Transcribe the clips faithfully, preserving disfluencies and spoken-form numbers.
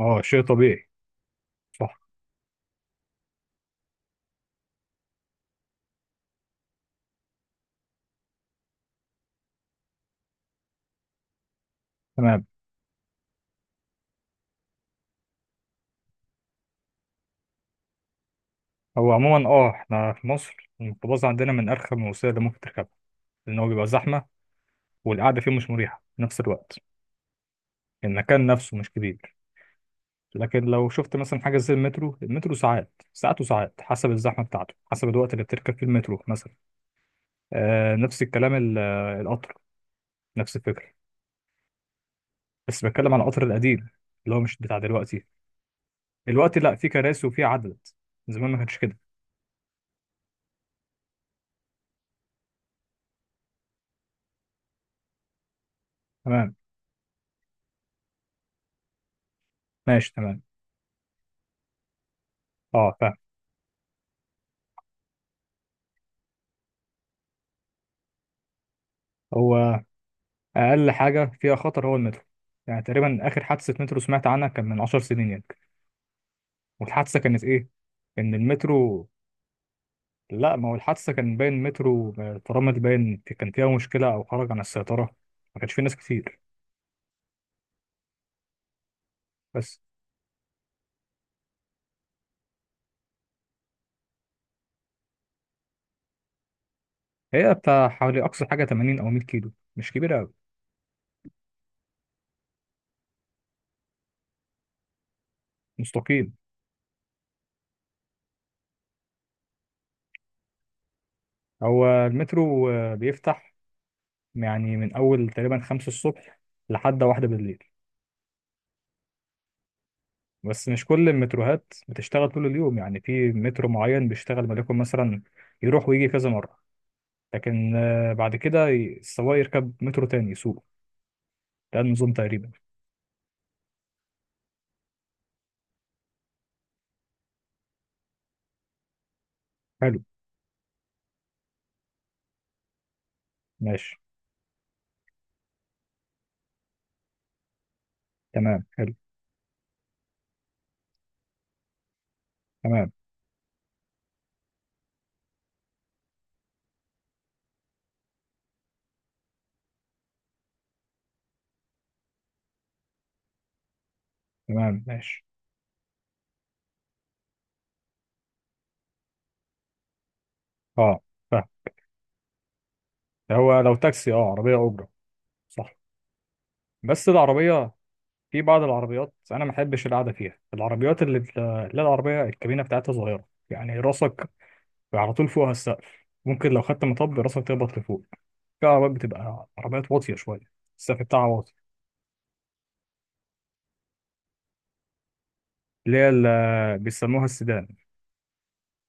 اه، شيء طبيعي. صح. تمام. هو عموما اه احنا في مصر الميكروباص عندنا من ارخم الوسائل اللي ممكن تركبها، لان هو بيبقى زحمه، والقعده فيه مش مريحه في نفس الوقت. المكان نفسه مش كبير. لكن لو شفت مثلا حاجه زي المترو، المترو ساعات ساعات وساعات، حسب الزحمه بتاعته، حسب الوقت اللي بتركب فيه المترو مثلا. آه، نفس الكلام ال- آه، القطر. نفس الفكره. بس بتكلم على القطر القديم، اللي هو مش بتاع دلوقتي. دلوقتي لا، في كراسي وفي عدد. زمان ما كانش كده. تمام. ماشي. تمام. اه فاهم. هو اقل حاجه فيها خطر هو المترو. يعني تقريبا اخر حادثه مترو سمعت عنها كان من 10 سنين يعني. والحادثه كانت ايه؟ ان المترو لا، ما هو الحادثه كان باين المترو فرامل باين كان فيها مشكله، او خرج عن السيطره. ما كانش فيه ناس كتير بس. هي بتاع حوالي اقصى حاجه ثمانين او 100 كيلو، مش كبيره قوي. مستقيم. هو المترو آه، بيفتح يعني من اول تقريبا 5 الصبح لحد واحدة بالليل. بس مش كل المتروهات بتشتغل طول اليوم، يعني في مترو معين بيشتغل وليكن مثلا يروح ويجي كذا مرة، لكن آه، بعد كده ي- السواق يركب مترو تاني يسوق. ده النظام تقريبا. حلو. ماشي. تمام. حلو. تمام. تمام. ماشي. اه فاهم. ده هو لو تاكسي، اه، عربية أجرة. صح. بس العربية، في بعض العربيات أنا ما بحبش القعدة فيها، العربيات اللي بتلا- اللي العربية الكابينة بتاعتها صغيرة، يعني راسك على طول فوقها السقف، ممكن لو خدت مطب راسك تخبط لفوق. في عربيات بتبقى عربيات واطية شوية، السقف بتاعها واطي. اللي هي اللي بيسموها السيدان.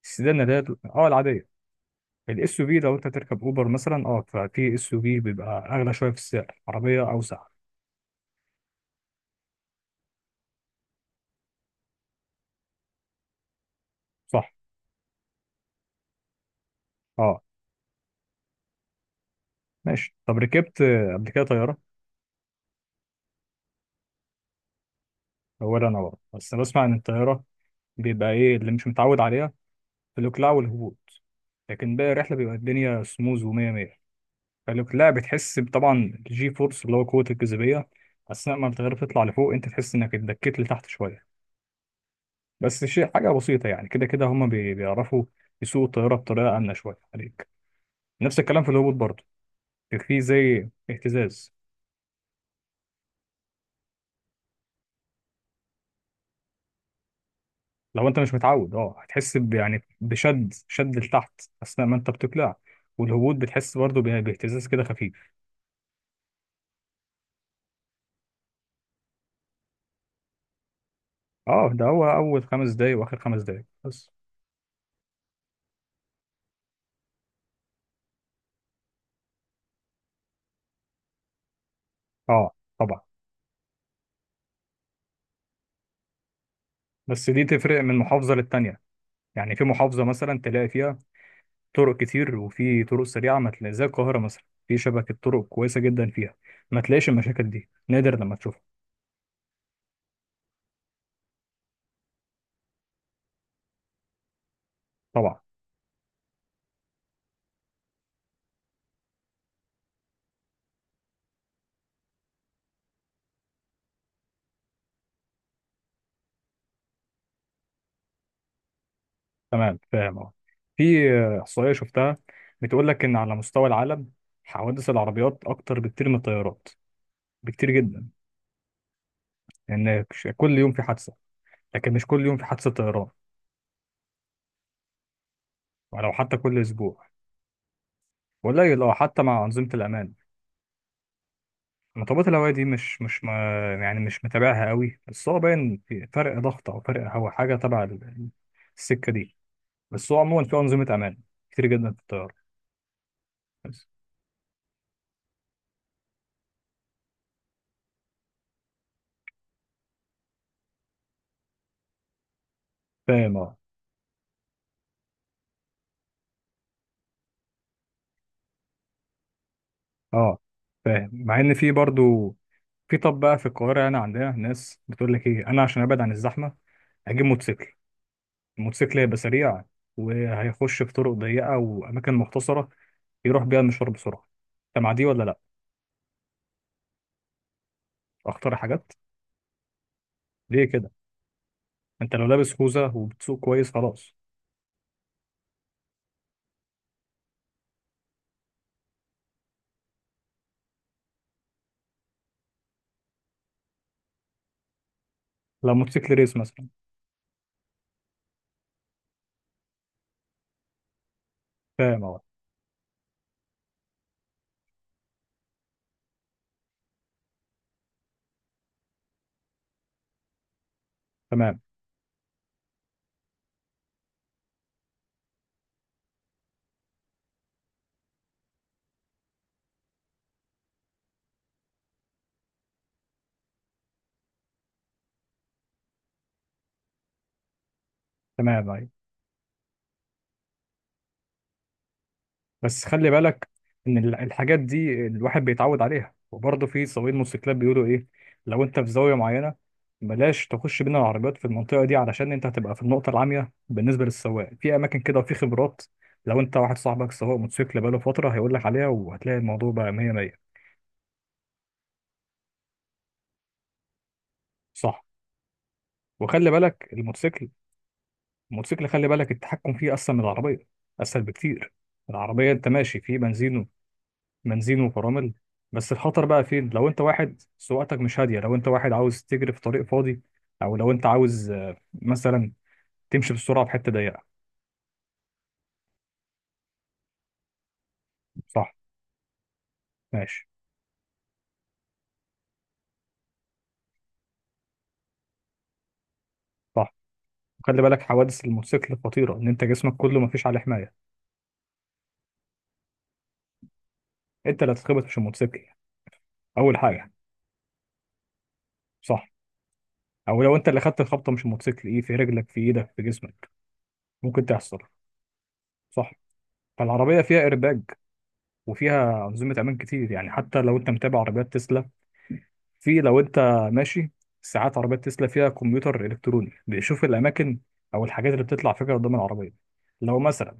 السيدان اللي هي، اه، العادية. الاس يو في لو انت تركب اوبر مثلا، اه، ففي اس يو في بيبقى اغلى شوية في السعر، عربية اوسع. صح. اه ماشي. طب ركبت آه، قبل كده طيارة؟ اولا انا برضه، بس انا بسمع ان الطيارة بيبقى ايه اللي مش متعود عليها، الاقلاع والهبوط، لكن باقي الرحلة بيبقى الدنيا سموز ومية مية. فالاقلاع بتحس ب- طبعا الجي فورس، اللي هو قوة الجاذبية، اثناء ما بتغير تطلع لفوق انت تحس انك اتدكيت لتحت شوية. بس شيء حاجة بسيطة، يعني كده كده هما بي- بيعرفوا يسوقوا الطيارة بطريقة آمنة شوية عليك. نفس الكلام في الهبوط برضه، في زي اهتزاز. لو انت مش متعود، اه هتحس ب- يعني بشد شد لتحت اثناء ما انت بتقلع، والهبوط بتحس برضه بيه- باهتزاز كده خفيف. اه، ده هو اول خمس دقايق واخر خمس دقايق بس. اه طبعا. بس دي تفرق من محافظة للتانية، يعني في محافظة مثلا تلاقي فيها طرق كتير وفي طرق سريعة، ما تلاقي زي القاهرة مثلا في شبكة طرق كويسة جدا فيها، ما تلاقيش المشاكل دي، نادر لما تشوفها. طبعا. تمام فاهم. اه، في آه، إحصائية شفتها بتقول لك إن على مستوى العالم حوادث العربيات أكتر بكتير من الطيارات، بكتير جدا، لأن ش- كل يوم في حادثة، لكن مش كل يوم في حادثة طيران، ولو حتى كل أسبوع. قليل، اه، حتى مع أنظمة الأمان. مطبات الهواء دي مش مش ما، يعني مش متابعها قوي، بس هو باين في فرق ضغط او فرق، هو حاجه تبع ال- السكه دي. بس هو عموما في انظمه امان كتير جدا في الطياره. بس. فاهم، اه. اه فاهم. مع ان في برضو، في. طب بقى في القاهره هنا عندنا ناس بتقول لك ايه، انا عشان ابعد عن الزحمه هجيب موتوسيكل. الموتوسيكل هيبقى سريع، وهيخش في طرق ضيقه واماكن مختصره، يروح بيها المشوار بسرعه. انت مع دي ولا لا؟ اختار حاجات. ليه كده؟ انت لو لابس خوذه وبتسوق كويس خلاص. لو موتوسيكل ريس مثلا. فاهم اه. تمام. تمام ايوه. بس خلي بالك ان ال- الحاجات دي الواحد بيتعود عليها، وبرضه في سواقين موتوسيكلات بيقولوا ايه، لو انت في زاويه معينه بلاش تخش بين العربيات في المنطقه دي، علشان انت هتبقى في النقطه العاميه بالنسبه للسواق. في اماكن كده وفي خبرات، لو انت واحد صاحبك سواق موتوسيكل بقاله فتره هيقول لك عليها، وهتلاقي الموضوع بقى مية مية. صح. وخلي بالك الموتوسيكل، الموتوسيكل خلي بالك التحكم فيه اسهل من العربيه، اسهل بكتير. العربية أنت ماشي في بنزين، بنزين وفرامل. بس الخطر بقى فين؟ لو انت واحد سواقتك مش هاديه، لو انت واحد عاوز تجري في طريق فاضي، او لو انت عاوز آه، مثلا تمشي بسرعه في حته ضيقه. صح. ماشي. صح. خلي بالك حوادث الموتوسيكل خطيره، ان انت جسمك كله مفيش عليه حمايه. انت اللي هتتخبط مش الموتوسيكل، اول حاجه. صح. او لو انت اللي خدت الخبطه مش الموتوسيكل، ايه؟ في رجلك، في ايدك، في جسمك. ممكن تحصل. صح. فالعربيه فيها ايرباج، وفيها انظمه امان كتير، يعني حتى لو انت متابع عربيات تسلا، في، لو انت ماشي ساعات، عربيات تسلا فيها كمبيوتر الكتروني بيشوف الاماكن او الحاجات اللي بتطلع فجاه قدام العربيه. لو مثلا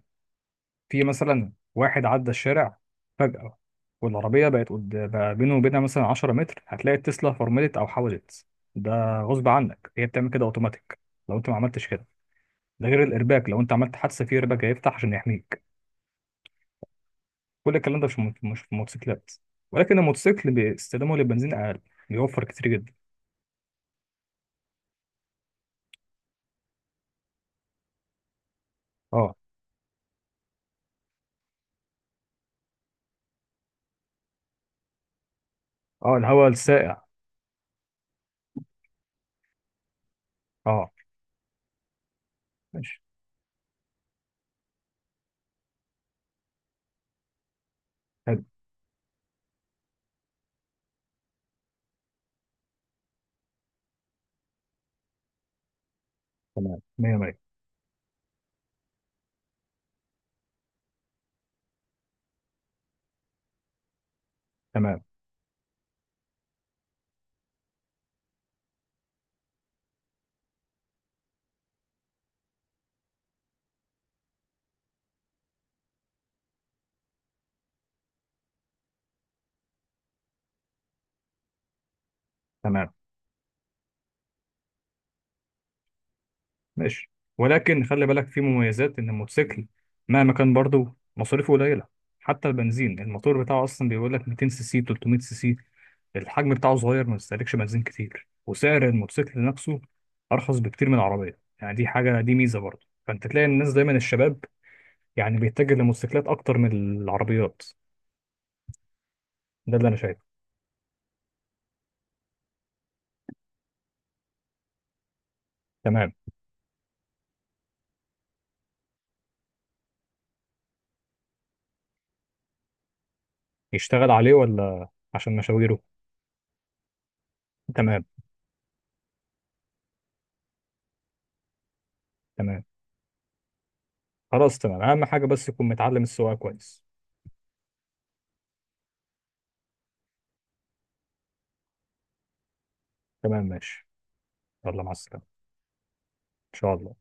في مثلا واحد عدى الشارع فجاه والعربيه بقت قد... بقى بينه وبينها مثلا 10 متر، هتلاقي التسلا فرملت او حوزت. ده غصب عنك، هي بتعمل كده اوتوماتيك لو انت ما عملتش كده. ده غير الارباك، لو انت عملت حادثه في ارباك هيفتح عشان يحميك. كل الكلام ده مش في الموت- مش في الموتوسيكلات. ولكن الموتوسيكل باستخدامه للبنزين اقل، بيوفر كتير جدا. اه. اه، الهواء السائع. اه. ماشي. حلو. تمام مية مية. تمام. تمام. ماشي. ولكن خلي بالك في مميزات، إن الموتوسيكل مهما كان برضه مصاريفه قليلة، حتى البنزين، الموتور بتاعه أصلا بيقول لك مئتين سي سي، تلتمية سي سي، الحجم بتاعه صغير ما بيستهلكش بنزين كتير، وسعر الموتوسيكل نفسه أرخص بكتير من العربية، يعني دي حاجة، دي ميزة برضه. فأنت تلاقي الناس دايما، الشباب يعني بيتجه للموتوسيكلات أكتر من العربيات. ده اللي أنا شايفه. تمام. يشتغل عليه، ولا عشان مشاويره؟ تمام. تمام خلاص. تمام، اهم حاجه بس يكون متعلم السواقه كويس. تمام ماشي. يلا، مع السلامه. ان شاء الله.